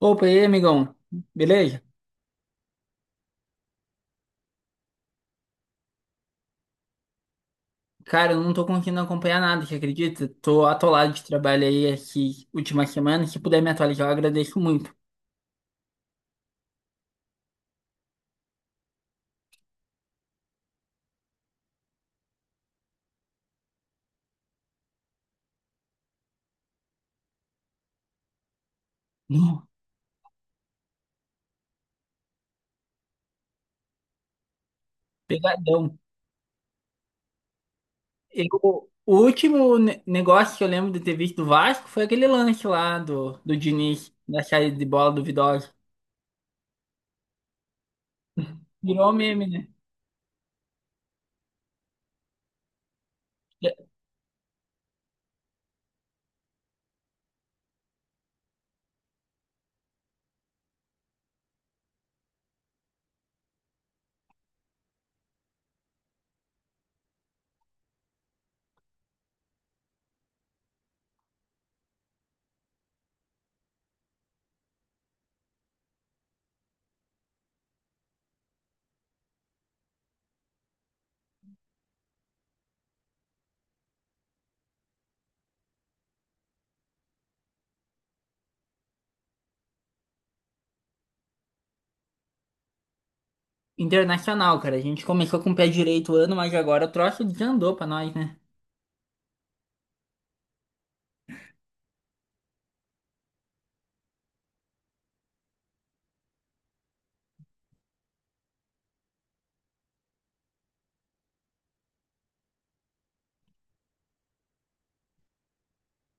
Opa, e aí, amigão? Beleza? Cara, eu não tô conseguindo acompanhar nada, você acredita? Tô atolado de trabalho aí aqui última semana. Se puder me atualizar, eu agradeço muito. Hum. Pegadão. O último negócio que eu lembro de ter visto do Vasco foi aquele lance lá do Diniz, da saída de bola duvidosa. Virou meme, né? É, Internacional, cara. A gente começou com o pé direito o ano, mas agora o troço desandou pra nós, né?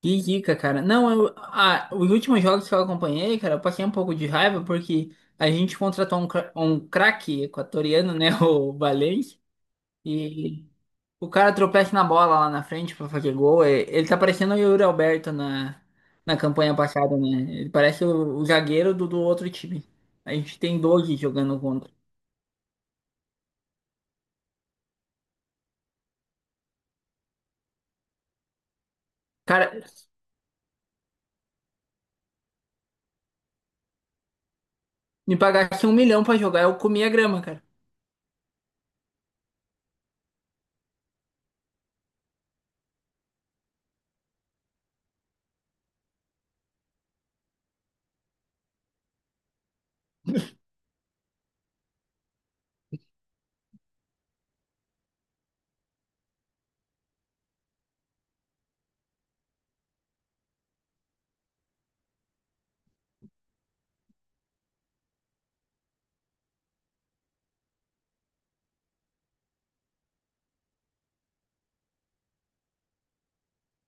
Que dica, cara. Não, os últimos jogos que eu acompanhei, cara, eu passei um pouco de raiva porque a gente contratou um craque equatoriano, né, o Valencia, e o cara tropeça na bola lá na frente pra fazer gol. Ele tá parecendo o Yuri Alberto na campanha passada, né? Ele parece o zagueiro do outro time. A gente tem 12 jogando contra. Cara, me pagasse 1 milhão pra jogar, eu comia grama, cara.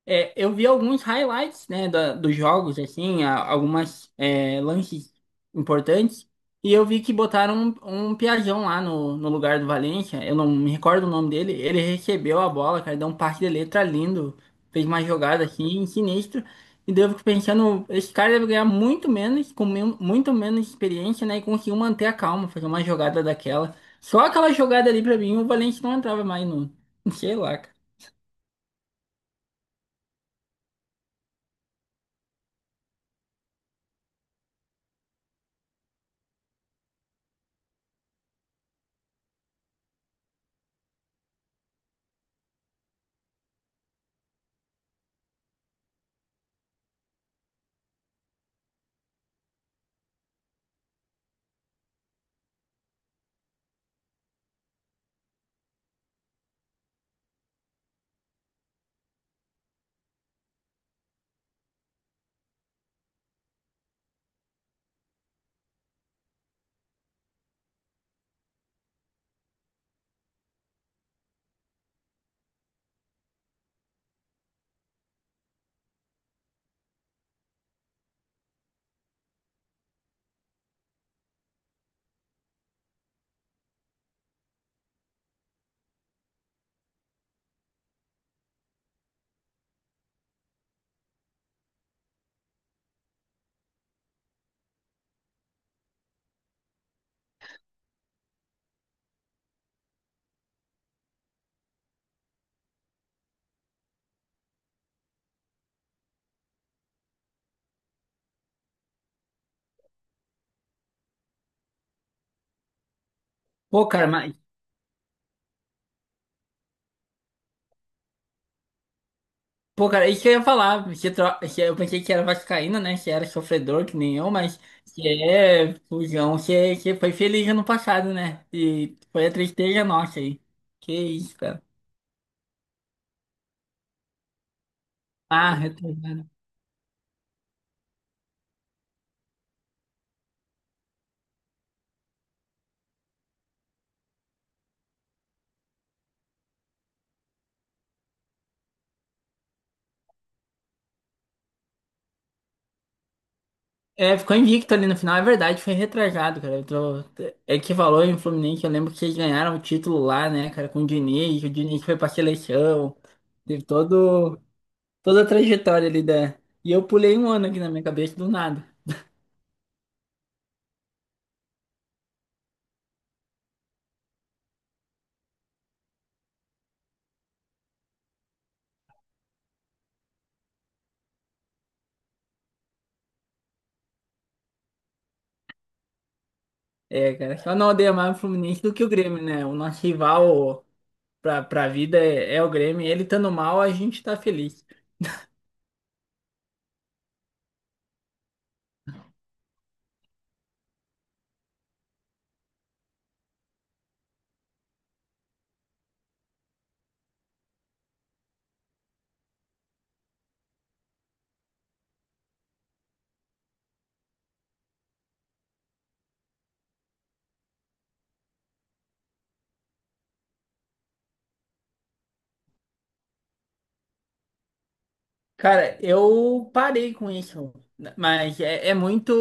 É, eu vi alguns highlights, né, dos jogos, assim, lances importantes, e eu vi que botaram um Piazão lá no lugar do Valencia, eu não me recordo o nome dele, ele recebeu a bola, cara, deu um passe de letra lindo, fez uma jogada, assim, sinistra, e daí eu fico pensando, esse cara deve ganhar muito menos, muito menos experiência, né, e conseguiu manter a calma, fazer uma jogada daquela. Só aquela jogada ali, pra mim, o Valencia não entrava mais no... Sei lá, cara. Pô, cara, mas... Pô, cara, isso que eu ia falar, que eu pensei que era vascaíno, né? Que era sofredor, que nem eu, mas que é fujão, que foi feliz ano passado, né? E foi a tristeza nossa aí. Que isso, cara. Ah, retrasado. É, ficou invicto ali no final, é verdade, foi retrasado, cara. Eu tô... É que valor em Fluminense, eu lembro que eles ganharam o título lá, né, cara, com o Diniz foi pra seleção, teve todo... toda a trajetória ali da... E eu pulei um ano aqui na minha cabeça do nada. É, cara, só não odeia mais o Fluminense do que o Grêmio, né? O nosso rival pra vida é o Grêmio. Ele estando mal, a gente tá feliz. Cara, eu parei com isso, né, mas é, é muito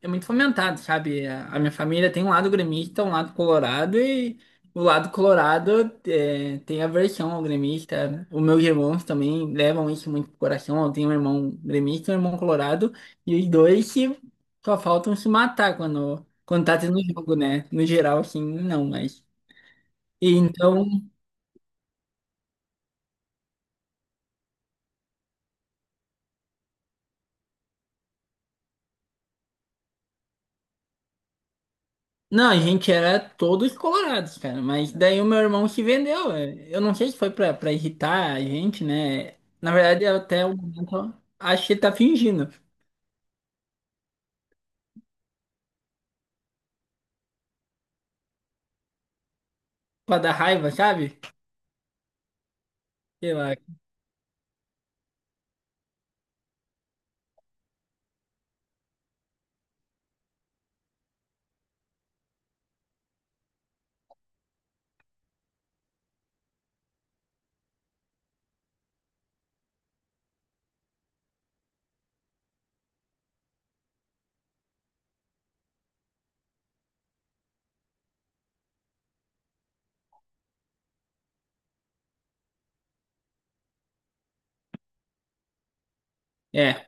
é muito fomentado, sabe? A minha família tem um lado gremista, um lado colorado e o lado colorado tem aversão ao gremista. Os meus irmãos também levam isso muito pro coração. Eu tenho um irmão gremista e um irmão colorado e os dois só faltam se matar quando tá tendo jogo, né? No geral, assim, não, mas e então. Não, a gente era todos colorados, cara. Mas daí o meu irmão se vendeu. É. Eu não sei se foi pra irritar a gente, né? Na verdade, eu até o momento acho que tá fingindo. Pra dar raiva, sabe? Sei lá. É.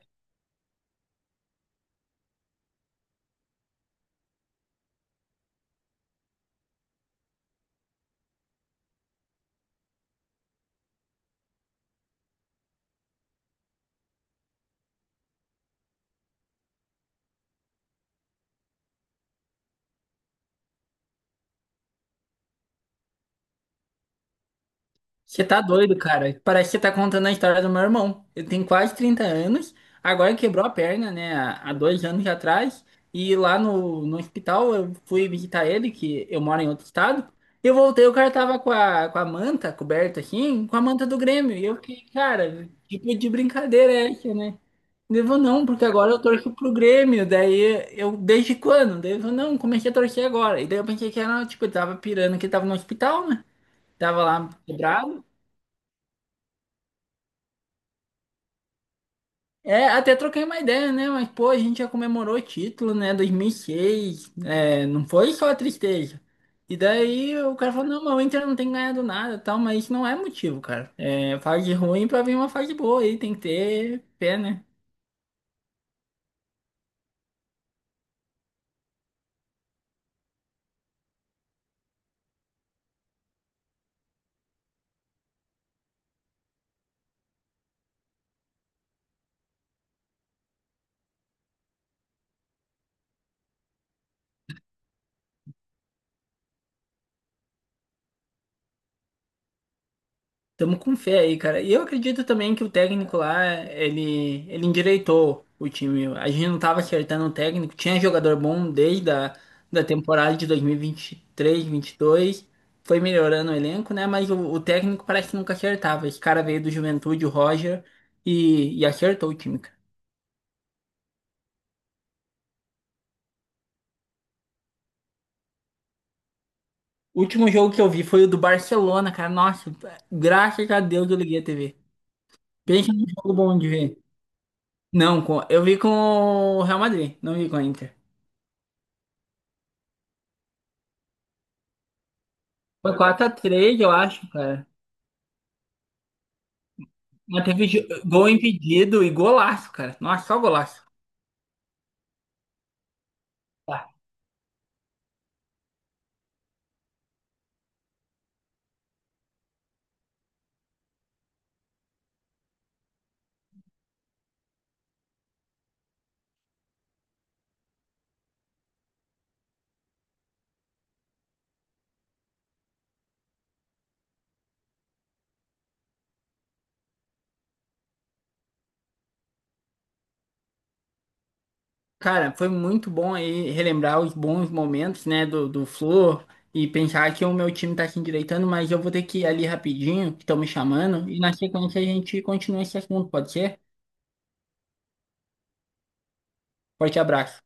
Você tá doido, cara. Parece que você tá contando a história do meu irmão. Ele tem quase 30 anos, agora quebrou a perna, né, há 2 anos atrás. E lá no hospital eu fui visitar ele, que eu moro em outro estado. Eu voltei, o cara tava com a manta coberta assim, com a manta do Grêmio. E eu fiquei, cara, tipo de brincadeira é essa, né? Devo não, porque agora eu torço pro Grêmio. Daí eu, desde quando? Devo não, comecei a torcer agora. E daí eu pensei que era, tipo, eu tava pirando que ele tava no hospital, né? Tava lá quebrado. É, até troquei uma ideia, né? Mas, pô, a gente já comemorou o título, né? 2006. É, não foi só a tristeza. E daí o cara falou, não, mas o Inter não tem ganhado nada e tal, mas isso não é motivo, cara. É, fase ruim pra vir uma fase boa aí, tem que ter pé, né? Tamo com fé aí, cara. E eu acredito também que o técnico lá, ele endireitou o time. A gente não tava acertando o técnico. Tinha jogador bom desde a da temporada de dois mil e vinte três, vinte e dois. Foi melhorando o elenco, né? Mas o técnico parece que nunca acertava. Esse cara veio do Juventude, o Roger, e acertou o time, cara. O último jogo que eu vi foi o do Barcelona, cara. Nossa, graças a Deus eu liguei a TV. Pensa num jogo bom de ver. Não, eu vi com o Real Madrid, não vi com a Inter. Foi 4-3, eu acho, cara. Mas teve gol impedido e golaço, cara. Nossa, só golaço. Tá. Cara, foi muito bom aí relembrar os bons momentos, né, do Flu e pensar que o meu time tá se endireitando, mas eu vou ter que ir ali rapidinho, que estão me chamando, e na sequência a gente continua esse assunto, pode ser? Forte abraço.